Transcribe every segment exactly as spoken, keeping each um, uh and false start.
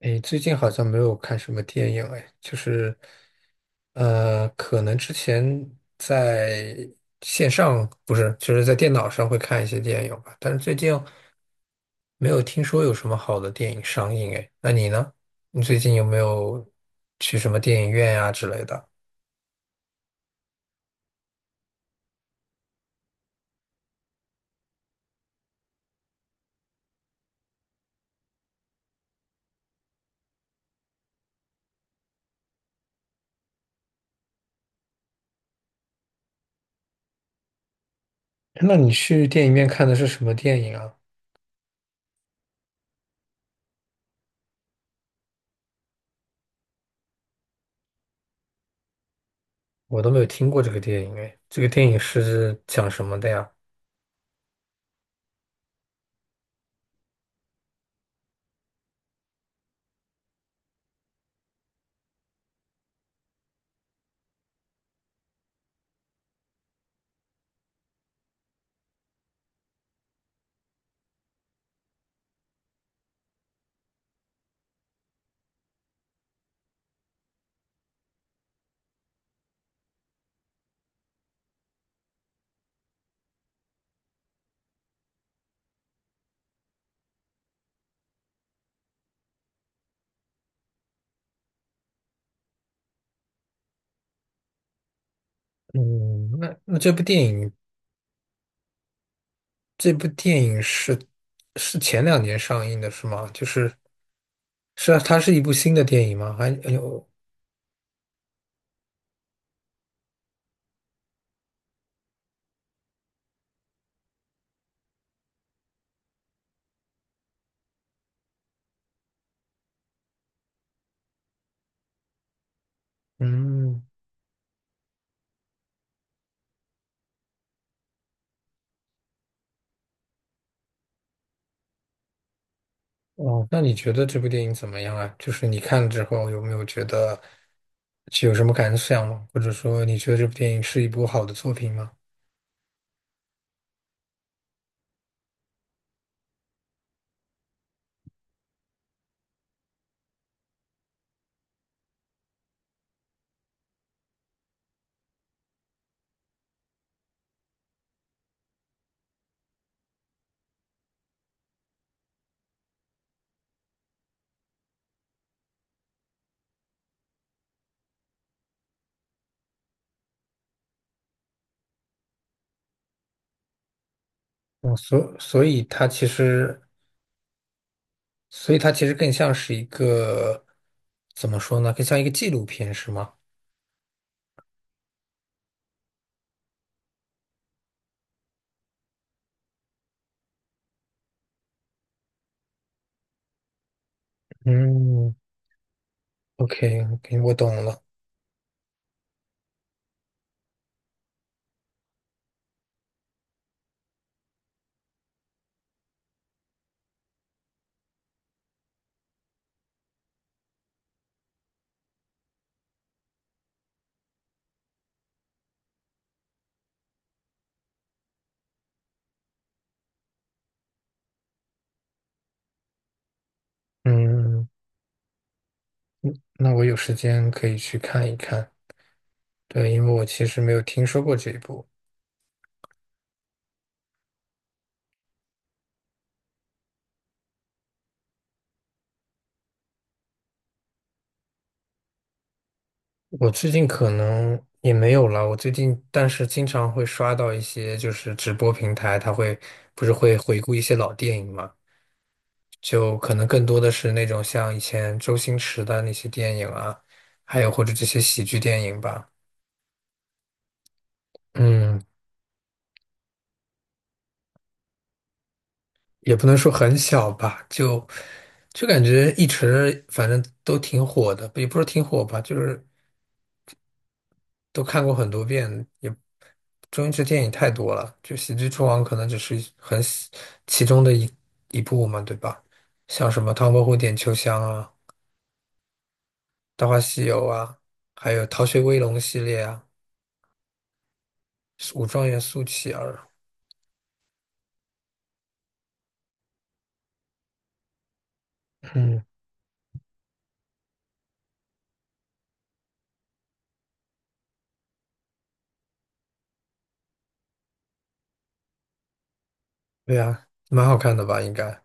诶，最近好像没有看什么电影，诶，就是，呃，可能之前在线上，不是，就是在电脑上会看一些电影吧，但是最近没有听说有什么好的电影上映，诶，那你呢？你最近有没有去什么电影院呀、之类的？那你去电影院看的是什么电影啊？我都没有听过这个电影，诶，这个电影是讲什么的呀？嗯，那那这部电影这部电影是是前两年上映的，是吗？就是是啊，它是一部新的电影吗？还有，嗯，哦，那你觉得这部电影怎么样啊？就是你看了之后有没有觉得有什么感想吗？或者说你觉得这部电影是一部好的作品吗？哦，所所以它其实，所以它其实更像是一个怎么说呢？更像一个纪录片，是吗？嗯OK，OK，我懂了。嗯，那我有时间可以去看一看。对，因为我其实没有听说过这一部。我最近可能也没有了。我最近但是经常会刷到一些就是直播平台，它会不是会回顾一些老电影嘛，就可能更多的是那种像以前周星驰的那些电影啊，还有或者这些喜剧电影吧。嗯，也不能说很小吧，就就感觉一直反正都挺火的，也不是挺火吧，就是。都看过很多遍，也周星驰电影太多了，就《喜剧之王》可能只是很喜其中的一一部嘛，对吧？像什么《唐伯虎点秋香》啊，《大话西游》啊，还有《逃学威龙》系列啊，《武状元苏乞儿》。嗯，对啊，蛮好看的吧？应该。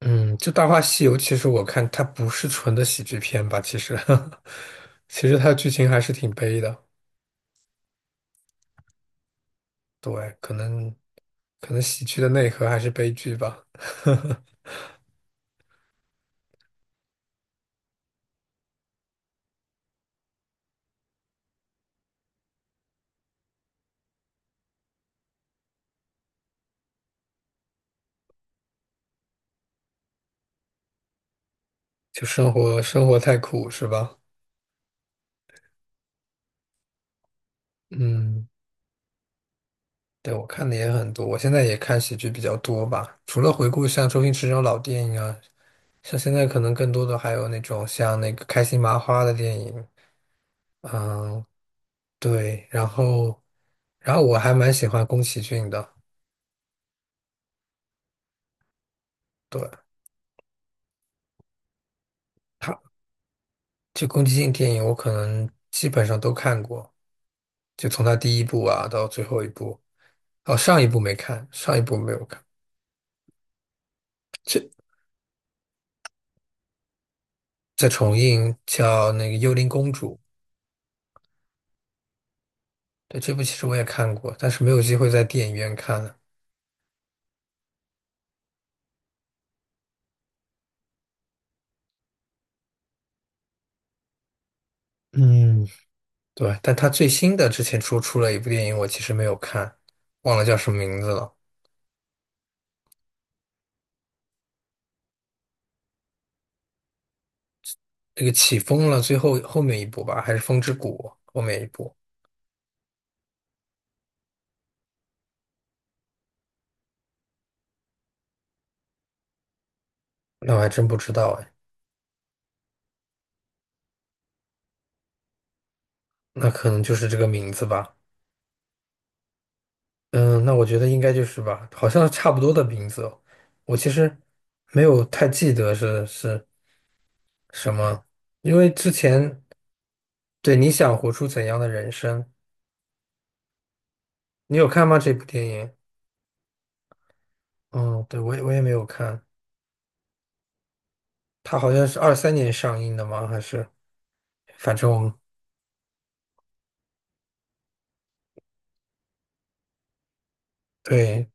嗯，就《大话西游》，其实我看它不是纯的喜剧片吧，其实，其实它的剧情还是挺悲的。对，可能可能喜剧的内核还是悲剧吧。就生活生活太苦是吧？嗯，对，我看的也很多，我现在也看喜剧比较多吧。除了回顾像周星驰这种老电影啊，像现在可能更多的还有那种像那个开心麻花的电影，嗯，对。然后，然后我还蛮喜欢宫崎骏的，对，他就宫崎骏电影我可能基本上都看过，就从他第一部啊到最后一部，哦，上一部没看，上一部没有看。这在重映叫那个《幽灵公主》，对，这部其实我也看过，但是没有机会在电影院看了。嗯，对，但他最新的之前出出了一部电影，我其实没有看，忘了叫什么名字了。这个起风了，最后后面一部吧，还是风之谷后面一部？那我还真不知道哎，那可能就是这个名字吧。嗯，那我觉得应该就是吧，好像差不多的名字哦。我其实没有太记得是是什么，因为之前对你想活出怎样的人生，你有看吗？这部电影？嗯，对，我也我也没有看，它好像是二三年上映的吗？还是反正我对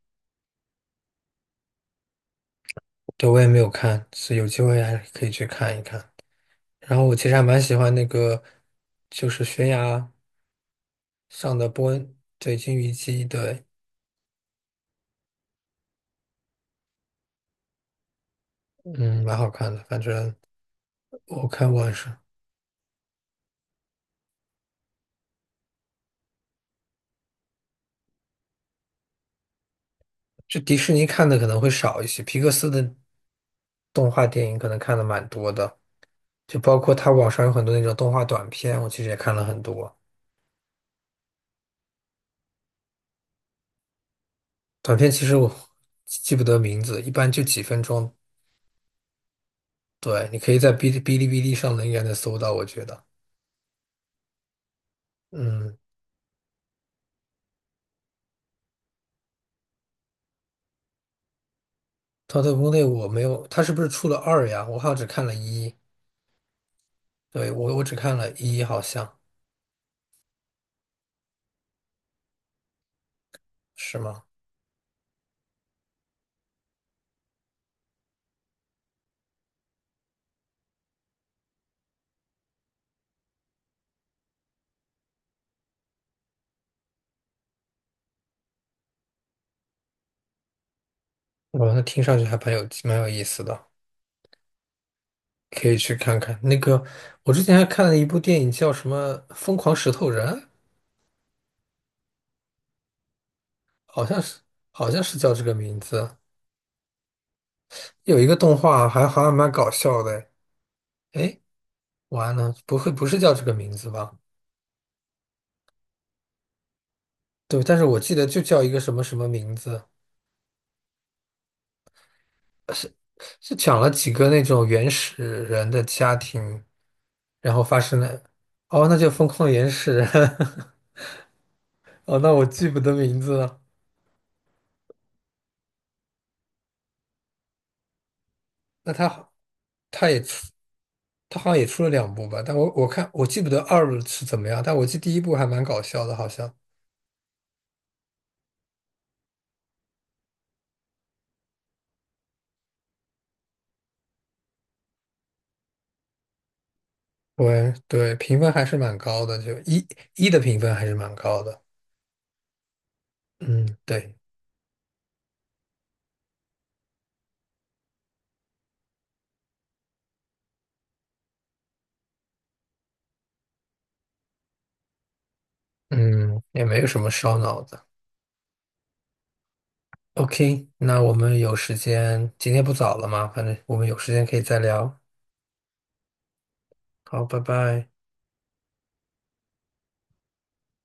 对，我也没有看，所以有机会还可以去看一看。然后我其实还蛮喜欢那个，就是悬崖上的波恩，对，金鱼姬，对，嗯，蛮好看的。反正我看过还是，就迪士尼看的可能会少一些，皮克斯的动画电影可能看的蛮多的，就包括它网上有很多那种动画短片，我其实也看了很多。短片其实我记不得名字，一般就几分钟。对，你可以在哔哩哔哩哔哩上能应该能搜到，我觉得。嗯，《逃脱国内我没有，它是不是出了二呀？我好像只看了一，对，我我只看了一，好像是吗？哇，那听上去还蛮有蛮有意思的，可以去看看。那个，我之前还看了一部电影，叫什么《疯狂石头人》，好像是好像是叫这个名字。有一个动画还好像蛮搞笑的，哎，完了，不会不是叫这个名字吧？对，但是我记得就叫一个什么什么名字，是讲了几个那种原始人的家庭，然后发生了，哦，那就疯狂原始人，哦，那我记不得名字了。那他好他也出，他好像也出了两部吧，但我我看我记不得二是怎么样，但我记得第一部还蛮搞笑的，好像。对对，评分还是蛮高的，就一一的评分还是蛮高的。嗯，对，嗯，也没有什么烧脑的。OK,那我们有时间，今天不早了嘛，反正我们有时间可以再聊。好，拜拜。